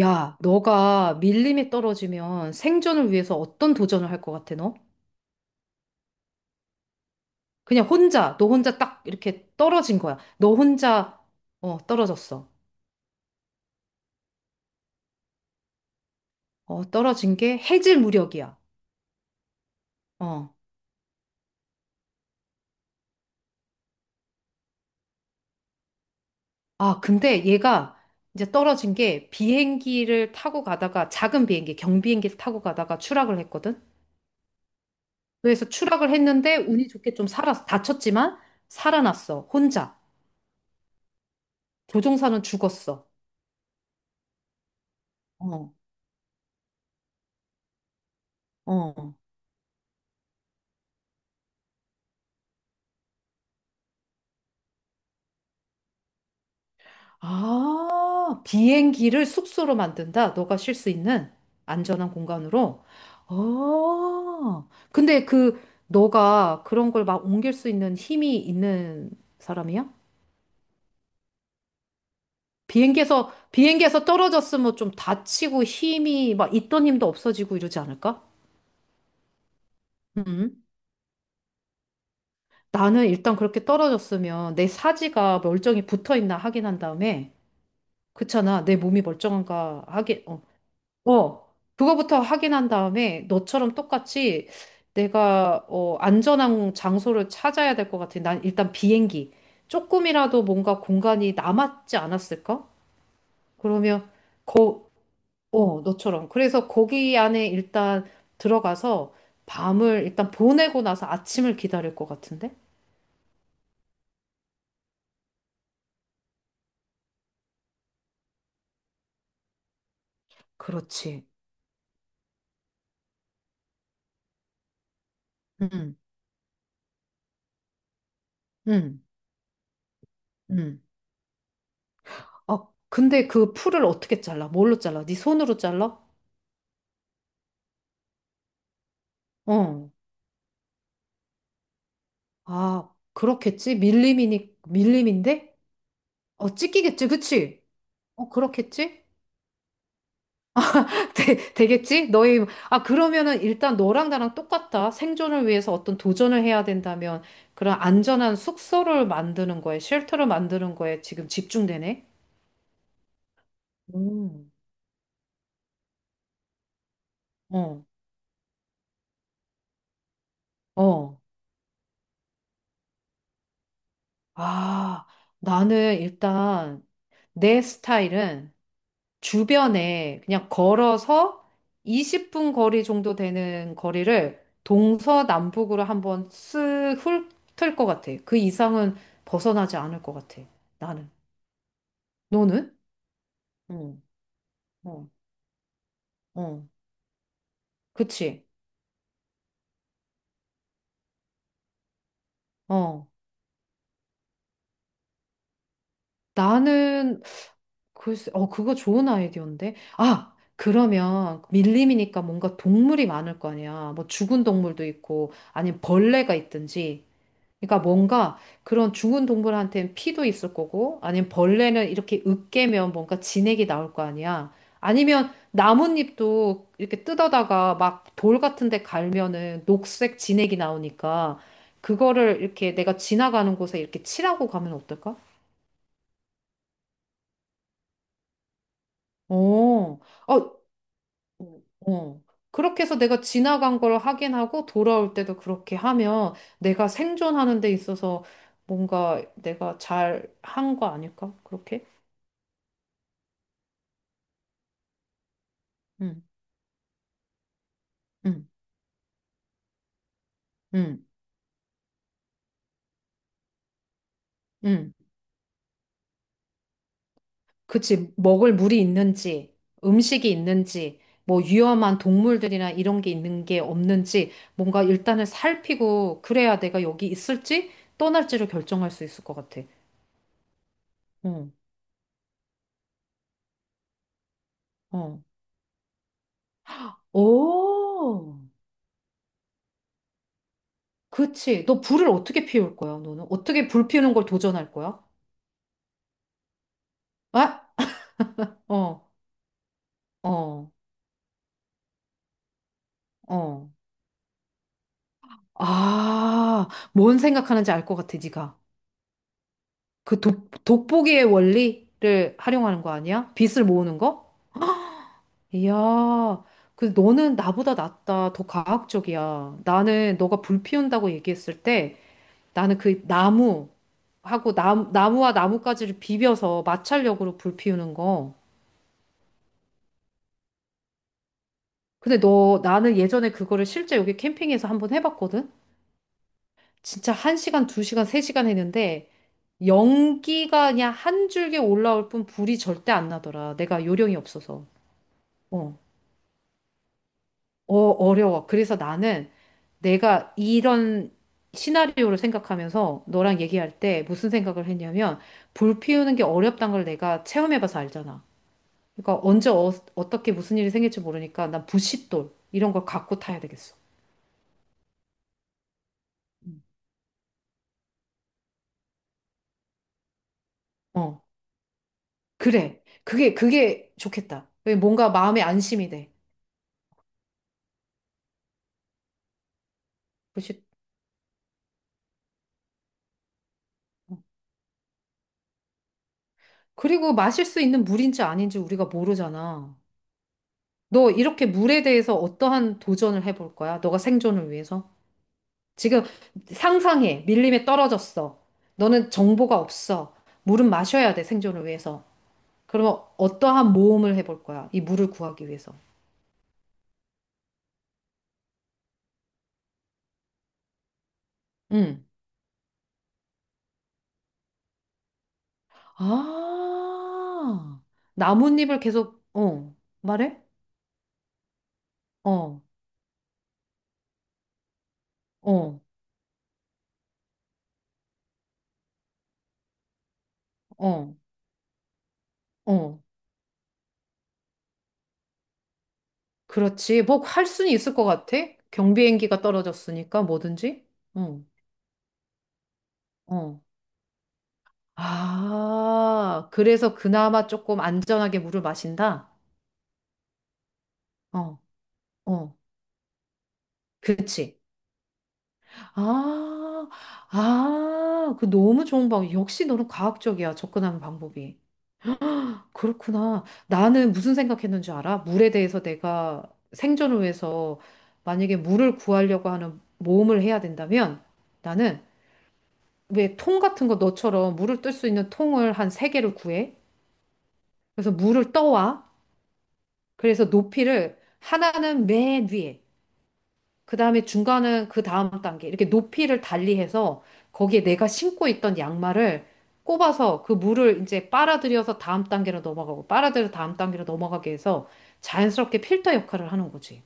야, 너가 밀림에 떨어지면 생존을 위해서 어떤 도전을 할 것 같아, 너? 그냥 혼자, 너 혼자 딱 이렇게 떨어진 거야. 너 혼자, 어, 떨어졌어. 어, 떨어진 게 해질 무렵이야. 어. 아, 근데 얘가 이제 떨어진 게 비행기를 타고 가다가 작은 비행기, 경비행기를 타고 가다가 추락을 했거든? 그래서 추락을 했는데 운이 좋게 좀 살았어. 다쳤지만 살아났어. 혼자. 조종사는 죽었어. 어, 어. 아, 비행기를 숙소로 만든다. 너가 쉴 수 있는 안전한 공간으로. 어. 근데 그 너가 그런 걸 막 옮길 수 있는 힘이 있는 사람이야? 비행기에서 떨어졌으면 좀 다치고 힘이 막 있던 힘도 없어지고 이러지 않을까? 음. 나는 일단 그렇게 떨어졌으면 내 사지가 멀쩡히 붙어 있나 확인한 다음에 그렇잖아. 내 몸이 멀쩡한가 하게 어, 그거부터 확인한 다음에 너처럼 똑같이 내가 안전한 장소를 찾아야 될 것 같아. 난 일단 비행기. 조금이라도 뭔가 공간이 남았지 않았을까? 그러면 거, 너처럼. 그래서 거기 안에 일단 들어가서 밤을 일단 보내고 나서 아침을 기다릴 것 같은데? 그렇지. 응, 응, 응. 아, 근데 그 풀을 어떻게 잘라? 뭘로 잘라? 네 손으로 잘라? 어. 아, 그렇겠지? 밀림인데? 어, 찍히겠지, 그치? 어, 그렇겠지? 되겠지? 너희, 아, 그러면은 일단 너랑 나랑 똑같다. 생존을 위해서 어떤 도전을 해야 된다면 그런 안전한 숙소를 만드는 거에, 쉘터를 만드는 거에 지금 집중되네? 음. 어, 어. 아, 나는 일단 내 스타일은 주변에 그냥 걸어서 20분 거리 정도 되는 거리를 동서남북으로 한번 쓱 훑을 것 같아. 그 이상은 벗어나지 않을 것 같아. 나는. 너는? 응, 어, 어. 그치? 어. 나는, 글쎄, 그거 좋은 아이디어인데? 아! 그러면 밀림이니까 뭔가 동물이 많을 거 아니야. 뭐 죽은 동물도 있고, 아니면 벌레가 있든지. 그러니까 뭔가 그런 죽은 동물한테는 피도 있을 거고, 아니면 벌레는 이렇게 으깨면 뭔가 진액이 나올 거 아니야. 아니면 나뭇잎도 이렇게 뜯어다가 막 돌 같은 데 갈면은 녹색 진액이 나오니까, 그거를 이렇게 내가 지나가는 곳에 이렇게 칠하고 가면 어떨까? 어, 어, 어. 그렇게 해서 내가 지나간 걸 확인하고 돌아올 때도 그렇게 하면 내가 생존하는 데 있어서 뭔가 내가 잘 한 거 아닐까? 그렇게? 응, 응, 응, 응. 그치. 먹을 물이 있는지, 음식이 있는지, 뭐 위험한 동물들이나 이런 게 있는 게 없는지, 뭔가 일단은 살피고, 그래야 내가 여기 있을지, 떠날지를 결정할 수 있을 것 같아. 어 어. 오, 그치. 너 불을 어떻게 피울 거야, 너는? 어떻게 불 피우는 걸 도전할 거야? 아? 어, 어, 어. 아, 뭔 생각하는지 알 것 같아, 네가. 그 돋보기의 원리를 활용하는 거 아니야? 빛을 모으는 거? 이야, 그 너는 나보다 낫다. 더 과학적이야. 나는 너가 불 피운다고 얘기했을 때 나는 그 나무하고 나무와 나뭇가지를 비벼서 마찰력으로 불 피우는 거. 근데 너, 나는 예전에 그거를 실제 여기 캠핑에서 한번 해봤거든? 진짜 한시간두시간세시간 했는데 연기가 그냥 한 줄기 올라올 뿐 불이 절대 안 나더라. 내가 요령이 없어서. 어. 어, 어려워. 그래서 나는 내가 이런 시나리오를 생각하면서 너랑 얘기할 때 무슨 생각을 했냐면 불 피우는 게 어렵다는 걸 내가 체험해봐서 알잖아. 그러니까 언제 어떻게 무슨 일이 생길지 모르니까 난 부싯돌 이런 걸 갖고 타야 되겠어. 음. 어, 그래. 그게, 그게 좋겠다. 왜 뭔가 마음에 안심이 돼. 부싯- 그리고 마실 수 있는 물인지 아닌지 우리가 모르잖아. 너 이렇게 물에 대해서 어떠한 도전을 해볼 거야? 너가 생존을 위해서? 지금 상상해. 밀림에 떨어졌어. 너는 정보가 없어. 물은 마셔야 돼, 생존을 위해서. 그러면 어떠한 모험을 해볼 거야? 이 물을 구하기 위해서. 응. 아, 나뭇잎을 계속, 말해? 어, 어, 어, 어. 그렇지. 뭐 할 수는 있을 것 같아. 경비행기가 떨어졌으니까 뭐든지. 응, 어. 아, 그래서 그나마 조금 안전하게 물을 마신다? 어, 어. 그치. 아, 아, 그 너무 좋은 방법. 역시 너는 과학적이야, 접근하는 방법이. 그렇구나. 나는 무슨 생각했는 줄 알아? 물에 대해서 내가 생존을 위해서 만약에 물을 구하려고 하는 모험을 해야 된다면 나는 왜 통 같은 거 너처럼 물을 뜰 수 있는 통을 한 세 개를 구해? 그래서 물을 떠와. 그래서 높이를 하나는 맨 위에. 그 다음에 중간은 그 다음 단계. 이렇게 높이를 달리해서 거기에 내가 신고 있던 양말을 꼽아서 그 물을 이제 빨아들여서 다음 단계로 넘어가고 빨아들여 다음 단계로 넘어가게 해서 자연스럽게 필터 역할을 하는 거지.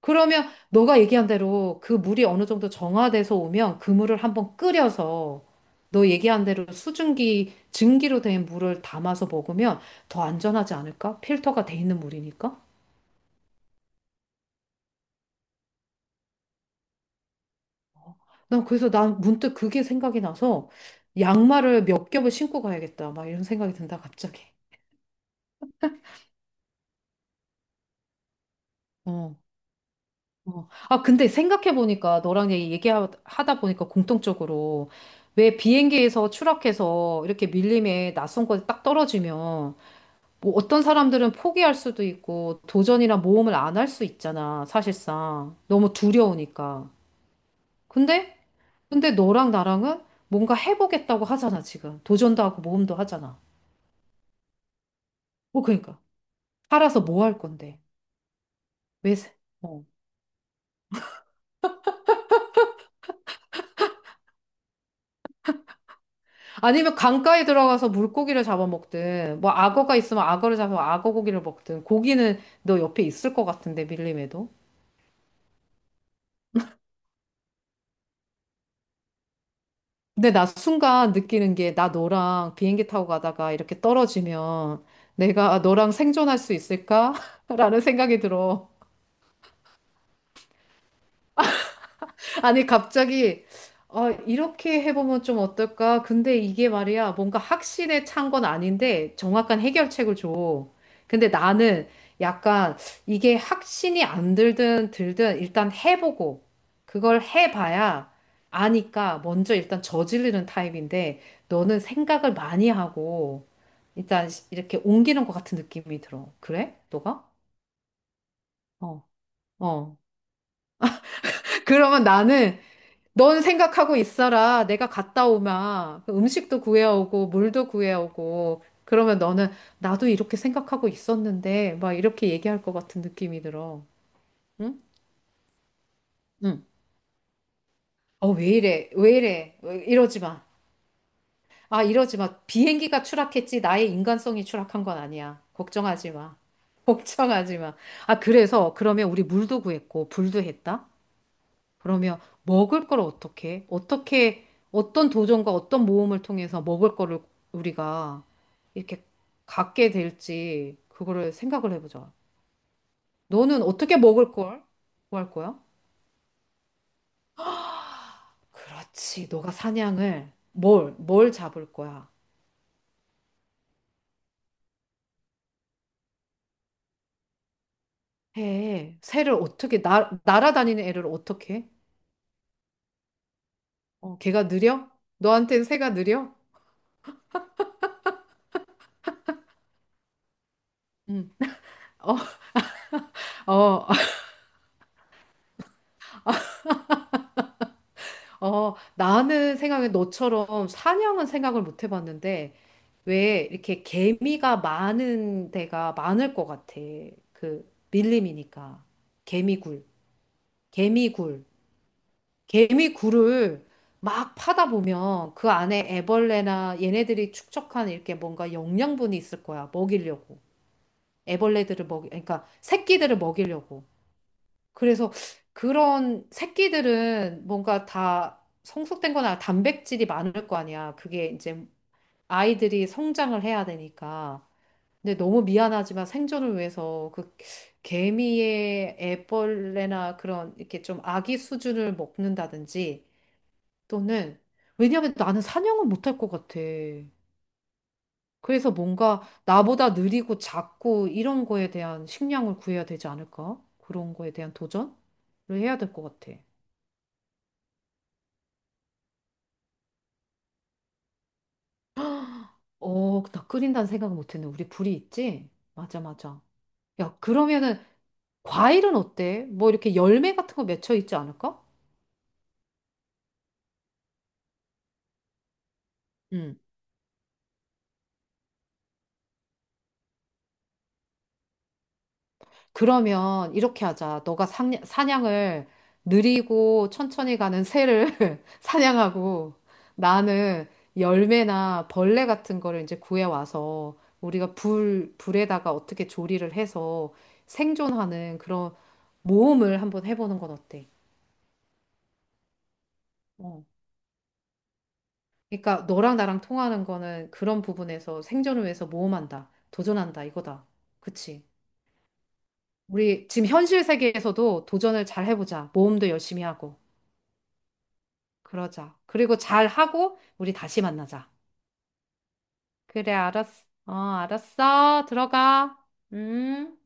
그러면 너가 얘기한 대로 그 물이 어느 정도 정화돼서 오면 그 물을 한번 끓여서 너 얘기한 대로 수증기, 증기로 된 물을 담아서 먹으면 더 안전하지 않을까? 필터가 돼 있는 물이니까? 나 그래서 난 문득 그게 생각이 나서 양말을 몇 겹을 신고 가야겠다. 막 이런 생각이 든다, 갑자기. 어. 어. 아, 근데 생각해보니까 너랑 얘기하다 보니까 공통적으로 왜 비행기에서 추락해서 이렇게 밀림에 낯선 곳에 딱 떨어지면 뭐 어떤 사람들은 포기할 수도 있고 도전이나 모험을 안 할 수 있잖아, 사실상. 너무 두려우니까. 근데, 근데 너랑 나랑은 뭔가 해보겠다고 하잖아, 지금. 도전도 하고 모험도 하잖아. 뭐, 그러니까. 팔아서 뭐 할 건데? 왜 사- 어. 아니면 강가에 들어가서 물고기를 잡아먹든, 뭐 악어가 있으면 악어를 잡아 악어 고기를 먹든, 고기는 너 옆에 있을 것 같은데, 밀림에도. 근데 나 순간 느끼는 게, 나 너랑 비행기 타고 가다가 이렇게 떨어지면 내가 너랑 생존할 수 있을까? 라는 생각이 들어. 아니, 갑자기, 아, 이렇게 해보면 좀 어떨까? 근데 이게 말이야, 뭔가 확신에 찬 건 아닌데, 정확한 해결책을 줘. 근데 나는 약간 이게 확신이 안 들든 들든 일단 해보고, 그걸 해봐야 아니까 먼저 일단 저지르는 타입인데, 너는 생각을 많이 하고, 일단 이렇게 옮기는 것 같은 느낌이 들어. 그래? 너가? 어, 어. 그러면 나는 넌 생각하고 있어라. 내가 갔다 오면 음식도 구해오고 물도 구해오고 그러면 너는 나도 이렇게 생각하고 있었는데 막 이렇게 얘기할 것 같은 느낌이 들어. 응? 응. 어, 왜 이래? 왜 이래? 어, 이러지 마. 아, 이러지 마. 비행기가 추락했지 나의 인간성이 추락한 건 아니야. 걱정하지 마. 걱정하지 마. 아, 그래서 그러면 우리 물도 구했고 불도 했다. 그러면 먹을 걸 어떻게, 어떻게, 어떤 도전과 어떤 모험을 통해서 먹을 거를 우리가 이렇게 갖게 될지, 그거를 생각을 해보자. 너는 어떻게 먹을 걸 구할 거야? 그렇지. 너가 사냥을 뭘, 뭘 잡을 거야? 해. 새를 어떻게, 날 날아다니는 애를 어떻게 해? 어, 걔가 느려? 너한테는 새가 느려? 응. 어, 어, 어, 나는 생각에 너처럼 사냥은 생각을 못 해봤는데, 왜 이렇게 개미가 많은 데가 많을 것 같아. 그 밀림이니까. 개미굴, 개미굴, 개미굴을 막 파다 보면 그 안에 애벌레나 얘네들이 축적한 이렇게 뭔가 영양분이 있을 거야. 먹이려고. 애벌레들을 먹이, 그러니까 새끼들을 먹이려고. 그래서 그런 새끼들은 뭔가 다 성숙된 거나 단백질이 많을 거 아니야. 그게 이제 아이들이 성장을 해야 되니까. 근데 너무 미안하지만 생존을 위해서 그 개미의 애벌레나 그런 이렇게 좀 아기 수준을 먹는다든지 또는 왜냐하면 나는 사냥은 못할 것 같아. 그래서 뭔가 나보다 느리고 작고 이런 거에 대한 식량을 구해야 되지 않을까? 그런 거에 대한 도전을 해야 될 것 같아. 어, 나 끓인다는 생각은 못했네. 우리 불이 있지? 맞아, 맞아. 야, 그러면은 과일은 어때? 뭐 이렇게 열매 같은 거 맺혀 있지 않을까? 응. 그러면 이렇게 하자. 너가 사냥을 느리고 천천히 가는 새를 사냥하고 나는 열매나 벌레 같은 거를 이제 구해와서 우리가 불, 불에다가 어떻게 조리를 해서 생존하는 그런 모험을 한번 해보는 건 어때? 어. 그러니까 너랑 나랑 통하는 거는 그런 부분에서 생존을 위해서 모험한다. 도전한다. 이거다. 그치? 우리 지금 현실 세계에서도 도전을 잘 해보자. 모험도 열심히 하고. 그러자. 그리고 잘 하고 우리 다시 만나자. 그래, 알았어. 어, 알았어. 들어가. 음.